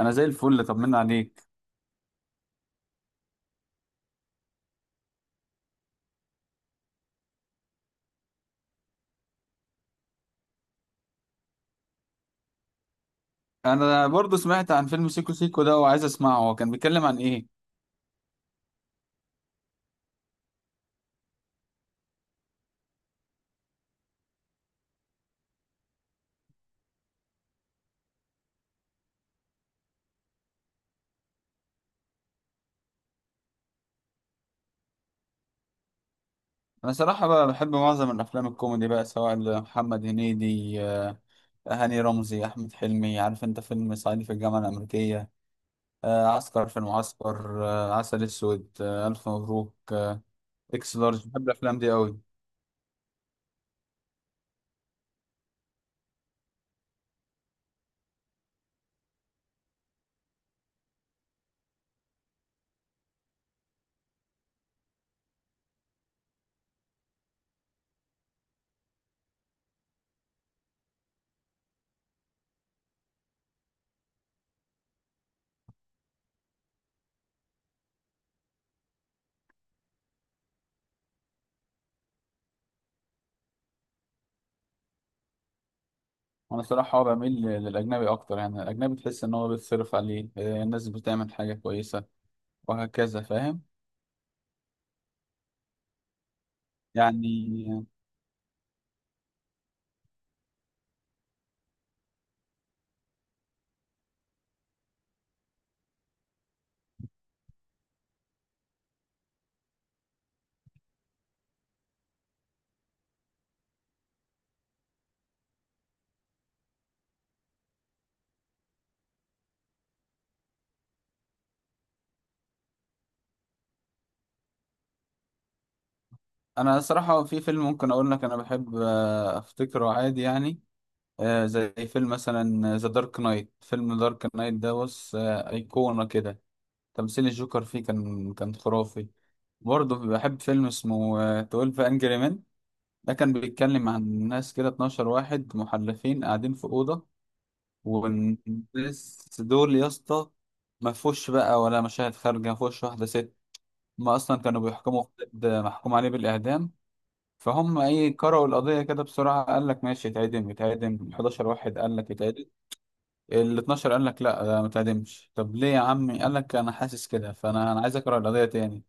انا زي الفل، طمنا عليك. انا برضو سمعت عن فيلم سيكو سيكو ده وعايز اسمعه. هو كان بيتكلم عن ايه؟ انا صراحة بقى بحب معظم الافلام الكوميدي، بقى سواء محمد هنيدي، هاني رمزي، احمد حلمي. عارف انت فيلم صعيدي في الجامعة الامريكية، عسكر في المعسكر، عسل اسود، الف مبروك، اكس لارج. بحب الافلام دي قوي. انا صراحة هو بميل للاجنبي اكتر، يعني الاجنبي تحس ان هو بيتصرف عليه، الناس بتعمل حاجة كويسة وهكذا، فاهم. يعني انا صراحة في فيلم ممكن اقول لك انا بحب، افتكره عادي يعني. زي فيلم مثلا ذا دارك نايت. فيلم دارك نايت ده بص ايقونة كده. تمثيل الجوكر فيه كان خرافي. برضه بحب فيلم اسمه 12 انجري مان. ده كان بيتكلم عن ناس كده، 12 واحد محلفين قاعدين في أوضة. والناس دول يا اسطى ما فيهوش بقى ولا مشاهد خارجة، ما فيهوش واحدة ست. ما اصلا كانوا بيحكموا في حد محكوم عليه بالإعدام. فهم ايه قرأوا القضية كده بسرعة، قال لك ماشي اتعدم. اتعدم 11 واحد قال لك اتعدم. ال 12 قال لك لا، ده ما اتعدمش. طب ليه يا عمي؟ قال لك انا حاسس كده، فانا عايز اقرأ القضية تاني.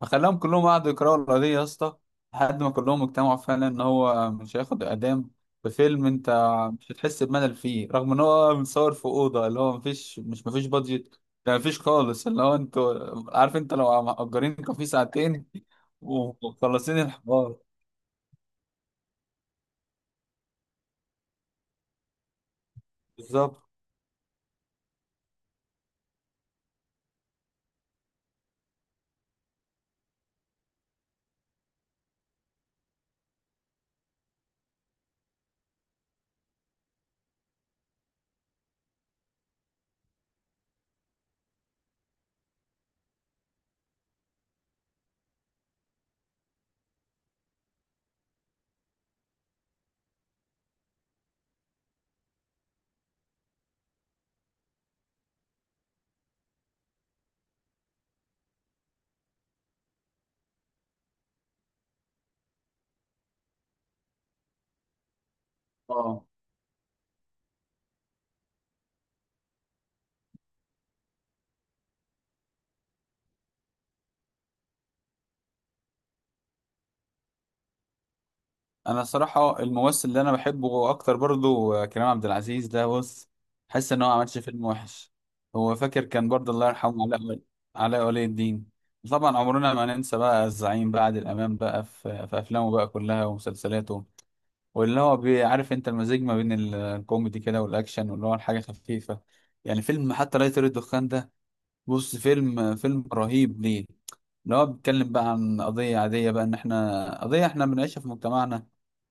فخلاهم كلهم قعدوا يقرأوا القضية يا اسطى، لحد ما كلهم اجتمعوا فعلا ان هو مش هياخد اعدام. في فيلم انت مش هتحس بملل فيه، رغم ان هو متصور في أوضة اللي هو مفيش مش مفيش بادجت. ده مفيش خالص، اللي هو انتوا عارف انت لو مأجرين كافيه ساعتين ومخلصين الحوار. بالظبط. اه، انا صراحة الممثل اللي انا بحبه اكتر برضو كريم عبد العزيز. ده بص حاسس ان هو ما عملش فيلم وحش. هو فاكر كان برضو الله يرحمه علاء ولي، علاء ولي الدين. طبعا عمرنا ما ننسى بقى الزعيم بقى عادل امام بقى في افلامه بقى كلها ومسلسلاته. واللي هو بيعرف انت المزيج ما بين الكوميدي كده والاكشن، واللي هو الحاجة خفيفة. يعني فيلم حتى لا يطير الدخان ده بص، فيلم فيلم رهيب. ليه؟ ان هو بيتكلم بقى عن قضية عادية بقى، ان احنا قضية احنا بنعيشها في مجتمعنا.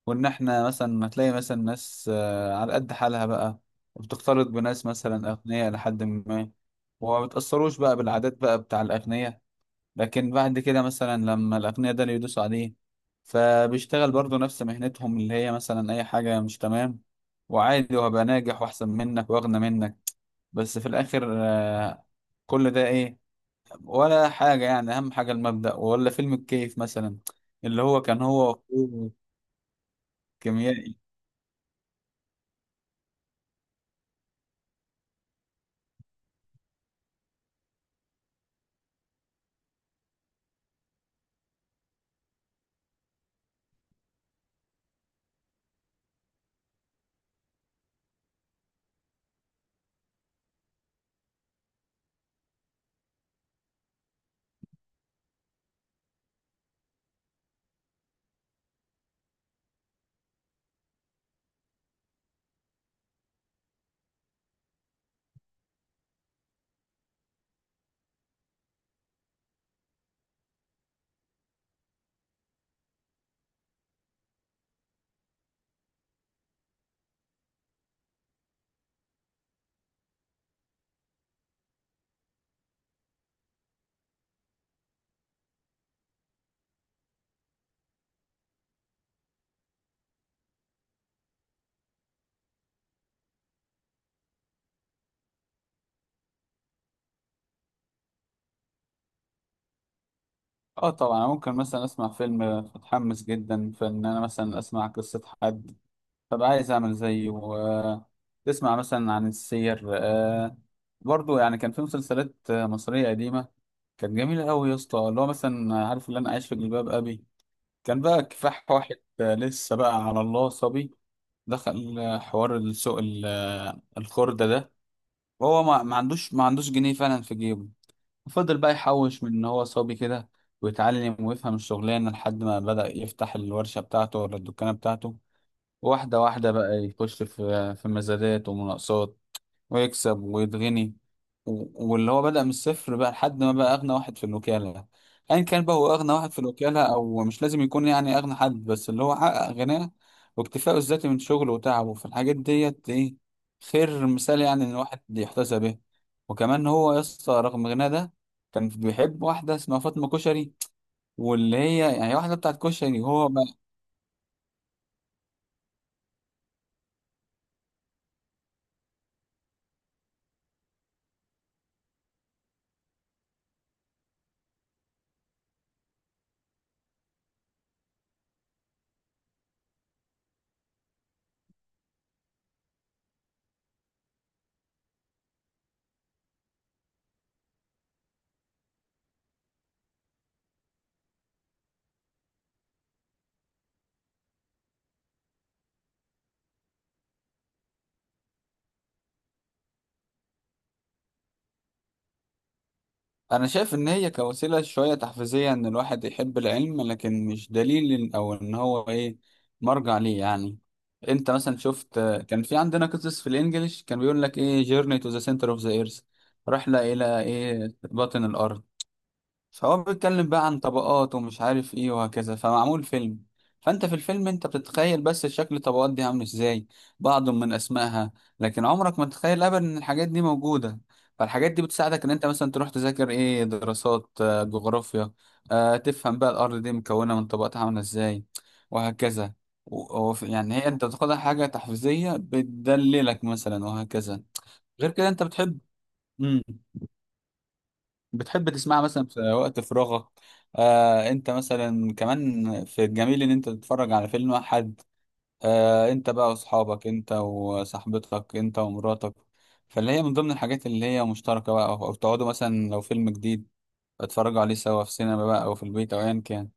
وان احنا مثلا هتلاقي مثلا ناس على قد حالها بقى، وبتختلط بناس مثلا اغنياء لحد ما، وما بتأثروش بقى بالعادات بقى بتاع الاغنياء. لكن بعد كده مثلا لما الاغنياء ده اللي يدوسوا عليه، فبيشتغل برضه نفس مهنتهم اللي هي مثلا اي حاجة مش تمام. وعادي، وهبقى ناجح واحسن منك واغنى منك. بس في الاخر كل ده ايه؟ ولا حاجة يعني. أهم حاجة المبدأ. ولا فيلم الكيف مثلا، اللي هو كان هو وأخوه كيميائي. اه طبعا، ممكن مثلا اسمع فيلم متحمس جدا، فان انا مثلا اسمع قصة حد فبقى عايز اعمل زيه، تسمع مثلا عن السير. برضو يعني كان في مسلسلات مصرية قديمة كانت جميلة قوي يا اسطى. اللي هو مثلا عارف، اللي انا عايش في جلباب ابي. كان بقى كفاح واحد لسه بقى على الله صبي، دخل حوار السوق الخردة ده. هو ما عندوش جنيه فعلا في جيبه. فضل بقى يحوش من ان هو صبي كده، ويتعلم ويفهم الشغلانه لحد ما بدأ يفتح الورشه بتاعته ولا الدكانه بتاعته. واحده واحده بقى يخش في مزادات ومناقصات، ويكسب ويتغني. واللي هو بدأ من الصفر بقى لحد ما بقى أغنى واحد في الوكالة. أيا كان بقى هو أغنى واحد في الوكالة، أو مش لازم يكون يعني أغنى حد، بس اللي هو حقق غناه واكتفاءه الذاتي من شغله وتعبه في الحاجات ديت. إيه خير مثال يعني، إن الواحد يحتسب به. وكمان هو يا اسطى، رغم غناه ده، كان بيحب واحدة اسمها فاطمة كشري، واللي هي يعني واحدة بتاعت كشري وهو. انا شايف ان هي كوسيله شويه تحفيزيه ان الواحد يحب العلم، لكن مش دليل او ان هو ايه، مرجع ليه يعني. انت مثلا شفت كان في عندنا قصص في الانجليش، كان بيقول لك ايه journey to the center of the earth، رحله الى ايه باطن الارض. فهو بيتكلم بقى عن طبقات ومش عارف ايه وهكذا، فمعمول فيلم. فانت في الفيلم انت بتتخيل بس شكل الطبقات دي عامل ازاي، بعض من اسمائها. لكن عمرك ما تتخيل ابدا ان الحاجات دي موجودة. فالحاجات دي بتساعدك ان انت مثلا تروح تذاكر ايه دراسات، جغرافيا، تفهم بقى الارض دي مكونة من طبقات عاملة ازاي، وهكذا. يعني هي انت تاخدها حاجة تحفيزية بتدللك مثلا، وهكذا. غير كده انت بتحب. مم. بتحب تسمعها مثلا في وقت فراغك. آه، انت مثلا كمان في الجميل ان انت تتفرج على فيلم واحد. آه، انت بقى واصحابك، انت وصاحبتك، انت ومراتك. فاللي هي من ضمن الحاجات اللي هي مشتركة بقى، او أو تقعدوا مثلا لو فيلم جديد اتفرجوا عليه سوا في سينما بقى، او في البيت، او ايا كان.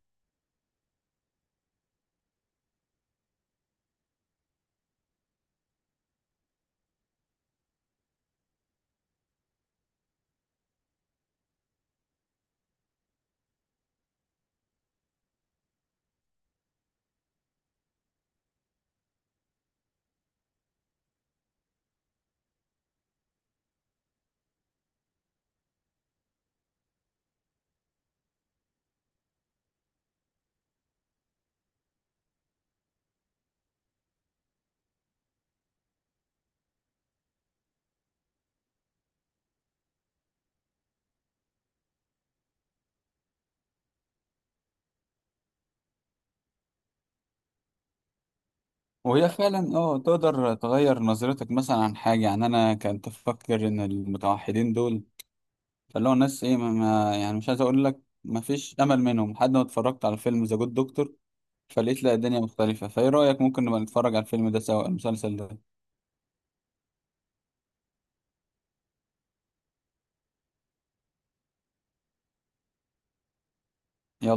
وهي فعلا اه تقدر تغير نظرتك مثلا عن حاجة. يعني انا كنت افكر ان المتوحدين دول، فاللي هو الناس ايه يعني مش عايز اقول لك ما فيش امل منهم، لحد ما اتفرجت على فيلم ذا جود دكتور. فلقيت لا، الدنيا مختلفة. فايه رأيك ممكن نبقى نتفرج على الفيلم ده سوا، المسلسل ده؟ يلا.